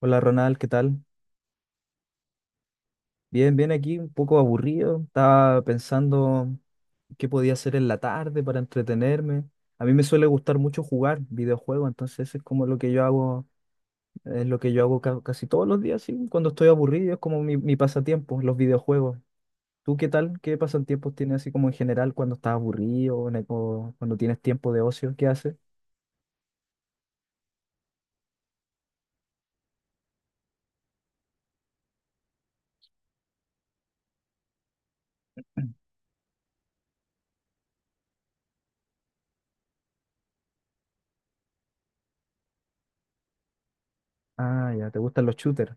Hola Ronald, ¿qué tal? Bien, bien aquí, un poco aburrido. Estaba pensando qué podía hacer en la tarde para entretenerme. A mí me suele gustar mucho jugar videojuegos, entonces es como lo que yo hago, es lo que yo hago casi todos los días, sí, cuando estoy aburrido, es como mi pasatiempo, los videojuegos. ¿Tú qué tal? ¿Qué pasatiempos tienes así como en general cuando estás aburrido o, o cuando tienes tiempo de ocio? ¿Qué haces? Ah, ya, ¿te gustan los shooters?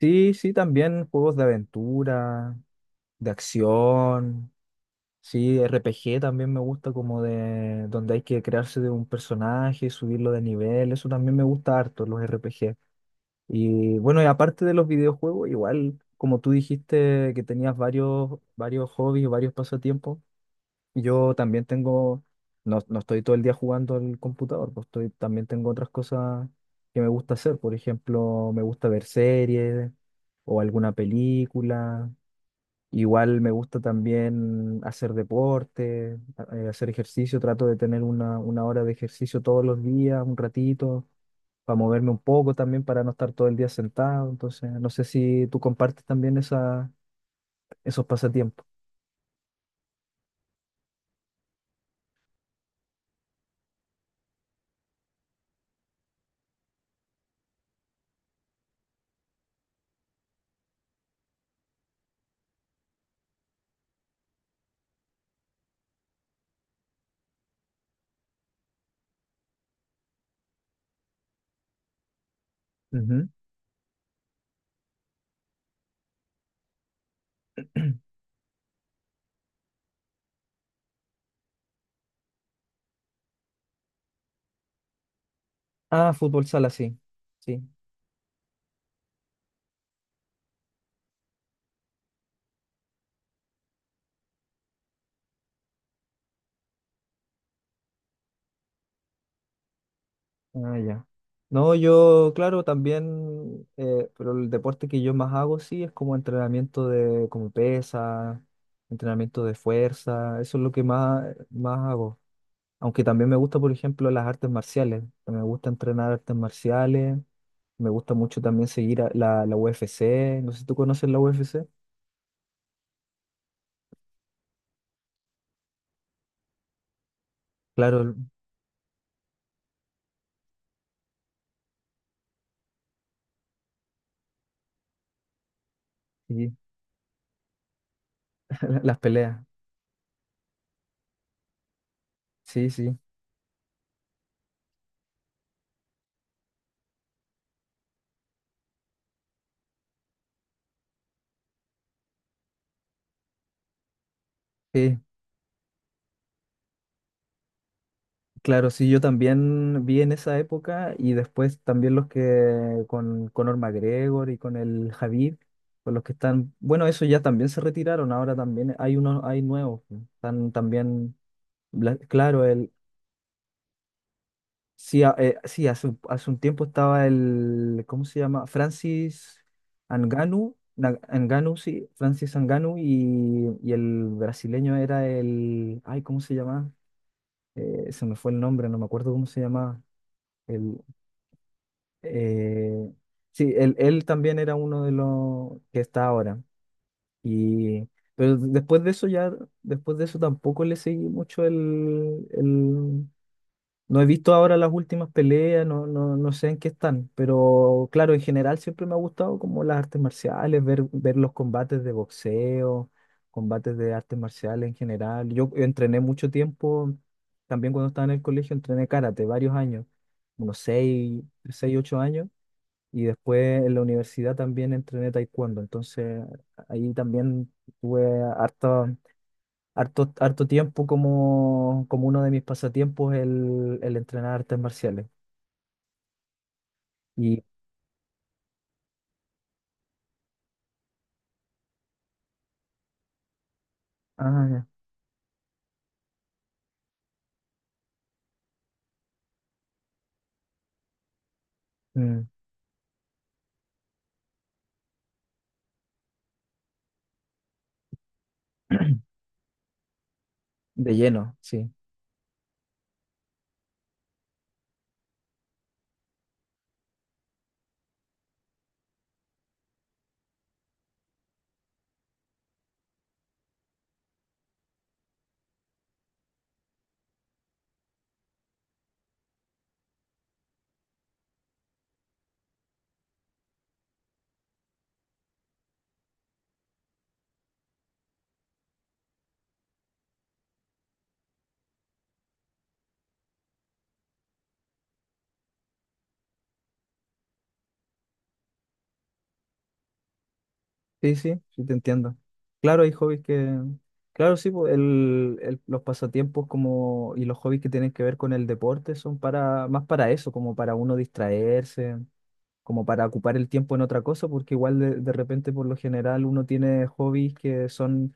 Sí, sí, también juegos de aventura, de acción. Sí, R P G también me gusta como de donde hay que crearse de un personaje, subirlo de nivel, eso también me gusta harto, los R P G. Y bueno, y aparte de los videojuegos, igual como tú dijiste que tenías varios hobbies, varios pasatiempos, yo también tengo, no, no estoy todo el día jugando al computador, pues estoy, también tengo otras cosas que me gusta hacer, por ejemplo, me gusta ver series o alguna película. Igual me gusta también hacer deporte, hacer ejercicio, trato de tener una hora de ejercicio todos los días, un ratito, para moverme un poco también, para no estar todo el día sentado. Entonces, no sé si tú compartes también esa, esos pasatiempos. Ujú. Ah, fútbol sala, sí. Sí. Ah, ya. No, yo, claro, también, pero el deporte que yo más hago, sí, es como entrenamiento de, como pesa, entrenamiento de fuerza, eso es lo que más, más hago. Aunque también me gusta, por ejemplo, las artes marciales. Me gusta entrenar artes marciales. Me gusta mucho también seguir a la UFC. No sé si tú conoces la UFC. Claro, el- sí, las peleas. Sí, sí, sí. Claro, sí, yo también vi en esa época y después también los que con Conor McGregor y con el Khabib, con los que están, bueno, esos ya también se retiraron, ahora también hay unos, hay nuevos, están también, claro, el, Sí, sí, hace, hace un tiempo estaba el, ¿cómo se llama? Francis Anganu, Anganu, sí, Francis Anganu y el brasileño era el, ay, ¿cómo se llama? Se me fue el nombre, no me acuerdo cómo se llamaba. El, eh, sí, él también era uno de los que está ahora. Y, pero después de eso ya, después de eso tampoco le seguí mucho el, No he visto ahora las últimas peleas, no, no, no sé en qué están, pero claro, en general siempre me ha gustado como las artes marciales, ver, ver los combates de boxeo, combates de artes marciales en general. Yo entrené mucho tiempo, también cuando estaba en el colegio entrené karate varios años, unos seis, seis, ocho años, y después en la universidad también entrené taekwondo, entonces ahí también tuve hartas harto tiempo como, como uno de mis pasatiempos el entrenar artes marciales. Y, ah, ya, mm, de lleno, sí. Sí, sí, sí, te entiendo. Claro, hay hobbies que, claro, sí, pues, el, los pasatiempos como, y los hobbies que tienen que ver con el deporte son para, más para eso, como para uno distraerse, como para ocupar el tiempo en otra cosa, porque igual de repente por lo general uno tiene hobbies que son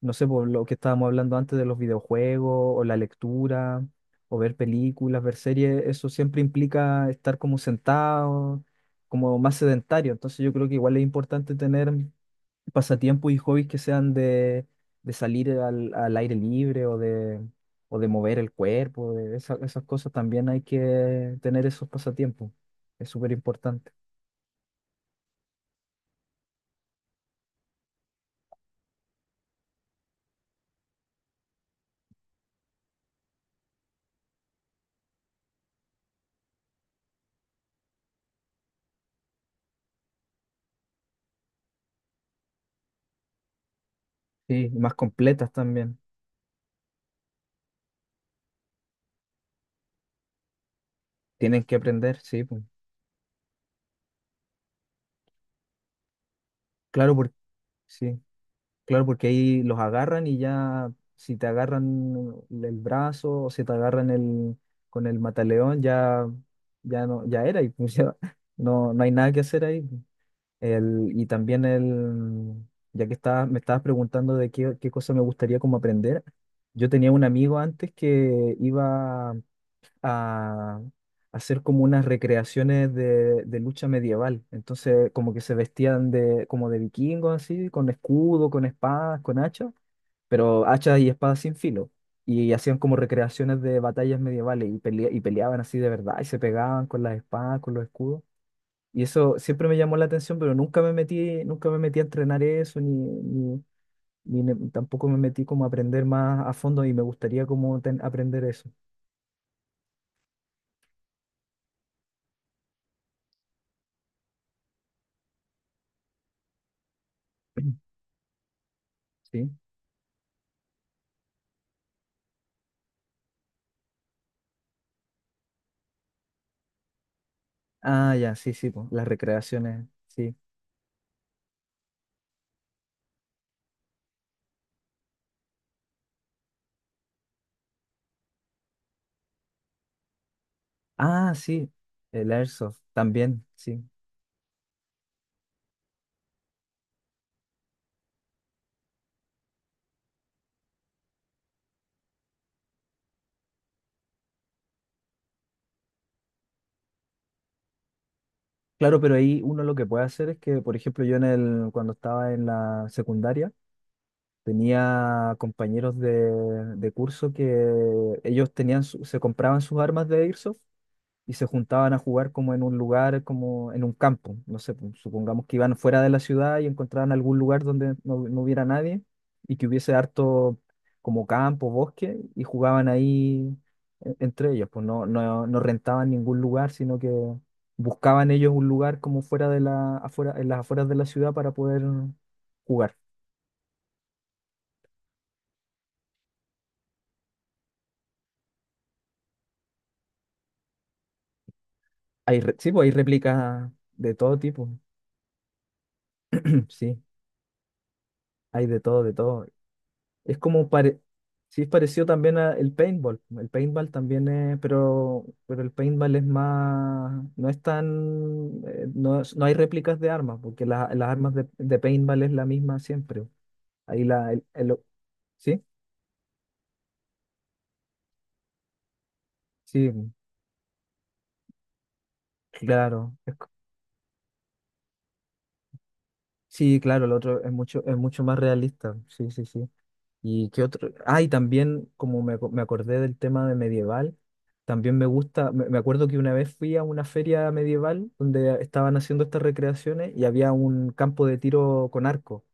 no sé, por lo que estábamos hablando antes de los videojuegos o la lectura o ver películas, ver series, eso siempre implica estar como sentado, como más sedentario. Entonces yo creo que igual es importante tener pasatiempos y hobbies que sean de salir al, al aire libre o de mover el cuerpo, de esas cosas también hay que tener esos pasatiempos. Es súper importante. Sí, y más completas también. Tienen que aprender, sí, pues. Claro, porque sí. Claro, porque ahí los agarran y ya, si te agarran el brazo o si te agarran el, con el mataleón, ya, ya no, ya era y pues ya no, no hay nada que hacer ahí. El, y también el, ya que estaba, me estabas preguntando de qué, qué cosa me gustaría como aprender, yo tenía un amigo antes que iba a hacer como unas recreaciones de lucha medieval. Entonces, como que se vestían de, como de vikingos, así, con escudo, con espadas, con hachas, pero hachas y espadas sin filo. Y hacían como recreaciones de batallas medievales y, y peleaban así de verdad y se pegaban con las espadas, con los escudos. Y eso siempre me llamó la atención, pero nunca me metí, nunca me metí a entrenar eso, ni, ni, tampoco me metí como a aprender más a fondo y me gustaría como aprender eso. ¿Sí? Ah, ya, sí, sí, po, las recreaciones, sí. Ah, sí, el airsoft también, sí. Claro, pero ahí uno lo que puede hacer es que, por ejemplo, yo en el, cuando estaba en la secundaria, tenía compañeros de curso que ellos tenían se compraban sus armas de airsoft y se juntaban a jugar como en un lugar, como en un campo. No sé, pues, supongamos que iban fuera de la ciudad y encontraban algún lugar donde no, no hubiera nadie y que hubiese harto como campo, bosque, y jugaban ahí entre ellos. Pues no, no, no rentaban ningún lugar, sino que buscaban ellos un lugar como fuera de la, afuera, en las afueras de la ciudad para poder jugar. Hay, sí, pues hay réplicas de todo tipo. Sí, hay de todo, de todo. Es como pare... Sí, es parecido también al paintball. El paintball también es, pero el paintball es más, no es tan, no, no hay réplicas de armas, porque las armas de paintball es la misma siempre. Ahí la, el, ¿sí? Sí, claro. Sí, claro, el otro es mucho más realista. Sí, sí, sí. ¿Y qué otro? Ah, y también, como me, me acordé del tema de medieval, también me gusta, me acuerdo que una vez fui a una feria medieval donde estaban haciendo estas recreaciones y había un campo de tiro con arco.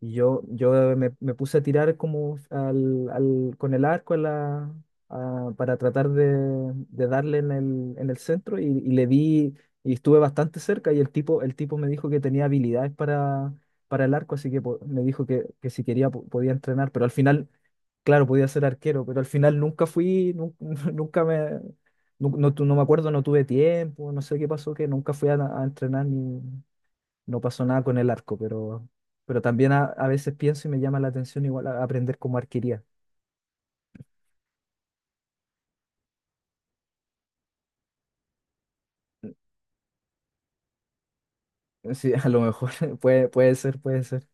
Y yo me, me puse a tirar como al, con el arco a la, para tratar de darle en el centro y le di y estuve bastante cerca y el tipo me dijo que tenía habilidades para el arco, así que me dijo que si quería podía entrenar, pero al final, claro, podía ser arquero, pero al final nunca fui, nunca, me, no, no me acuerdo, no tuve tiempo, no sé qué pasó, que nunca fui a entrenar ni no pasó nada con el arco, pero también a veces pienso y me llama la atención igual aprender como arquería. Sí, a lo mejor puede, puede ser, puede ser.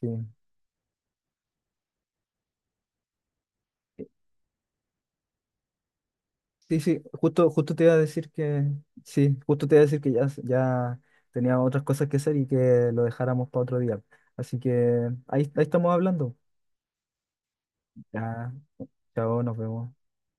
Sí, sí, sí, justo, justo te iba a decir que, sí, justo te iba a decir que ya, ya tenía otras cosas que hacer y que lo dejáramos para otro día. Así que ahí, ahí estamos hablando. Ya, chao, nos vemos.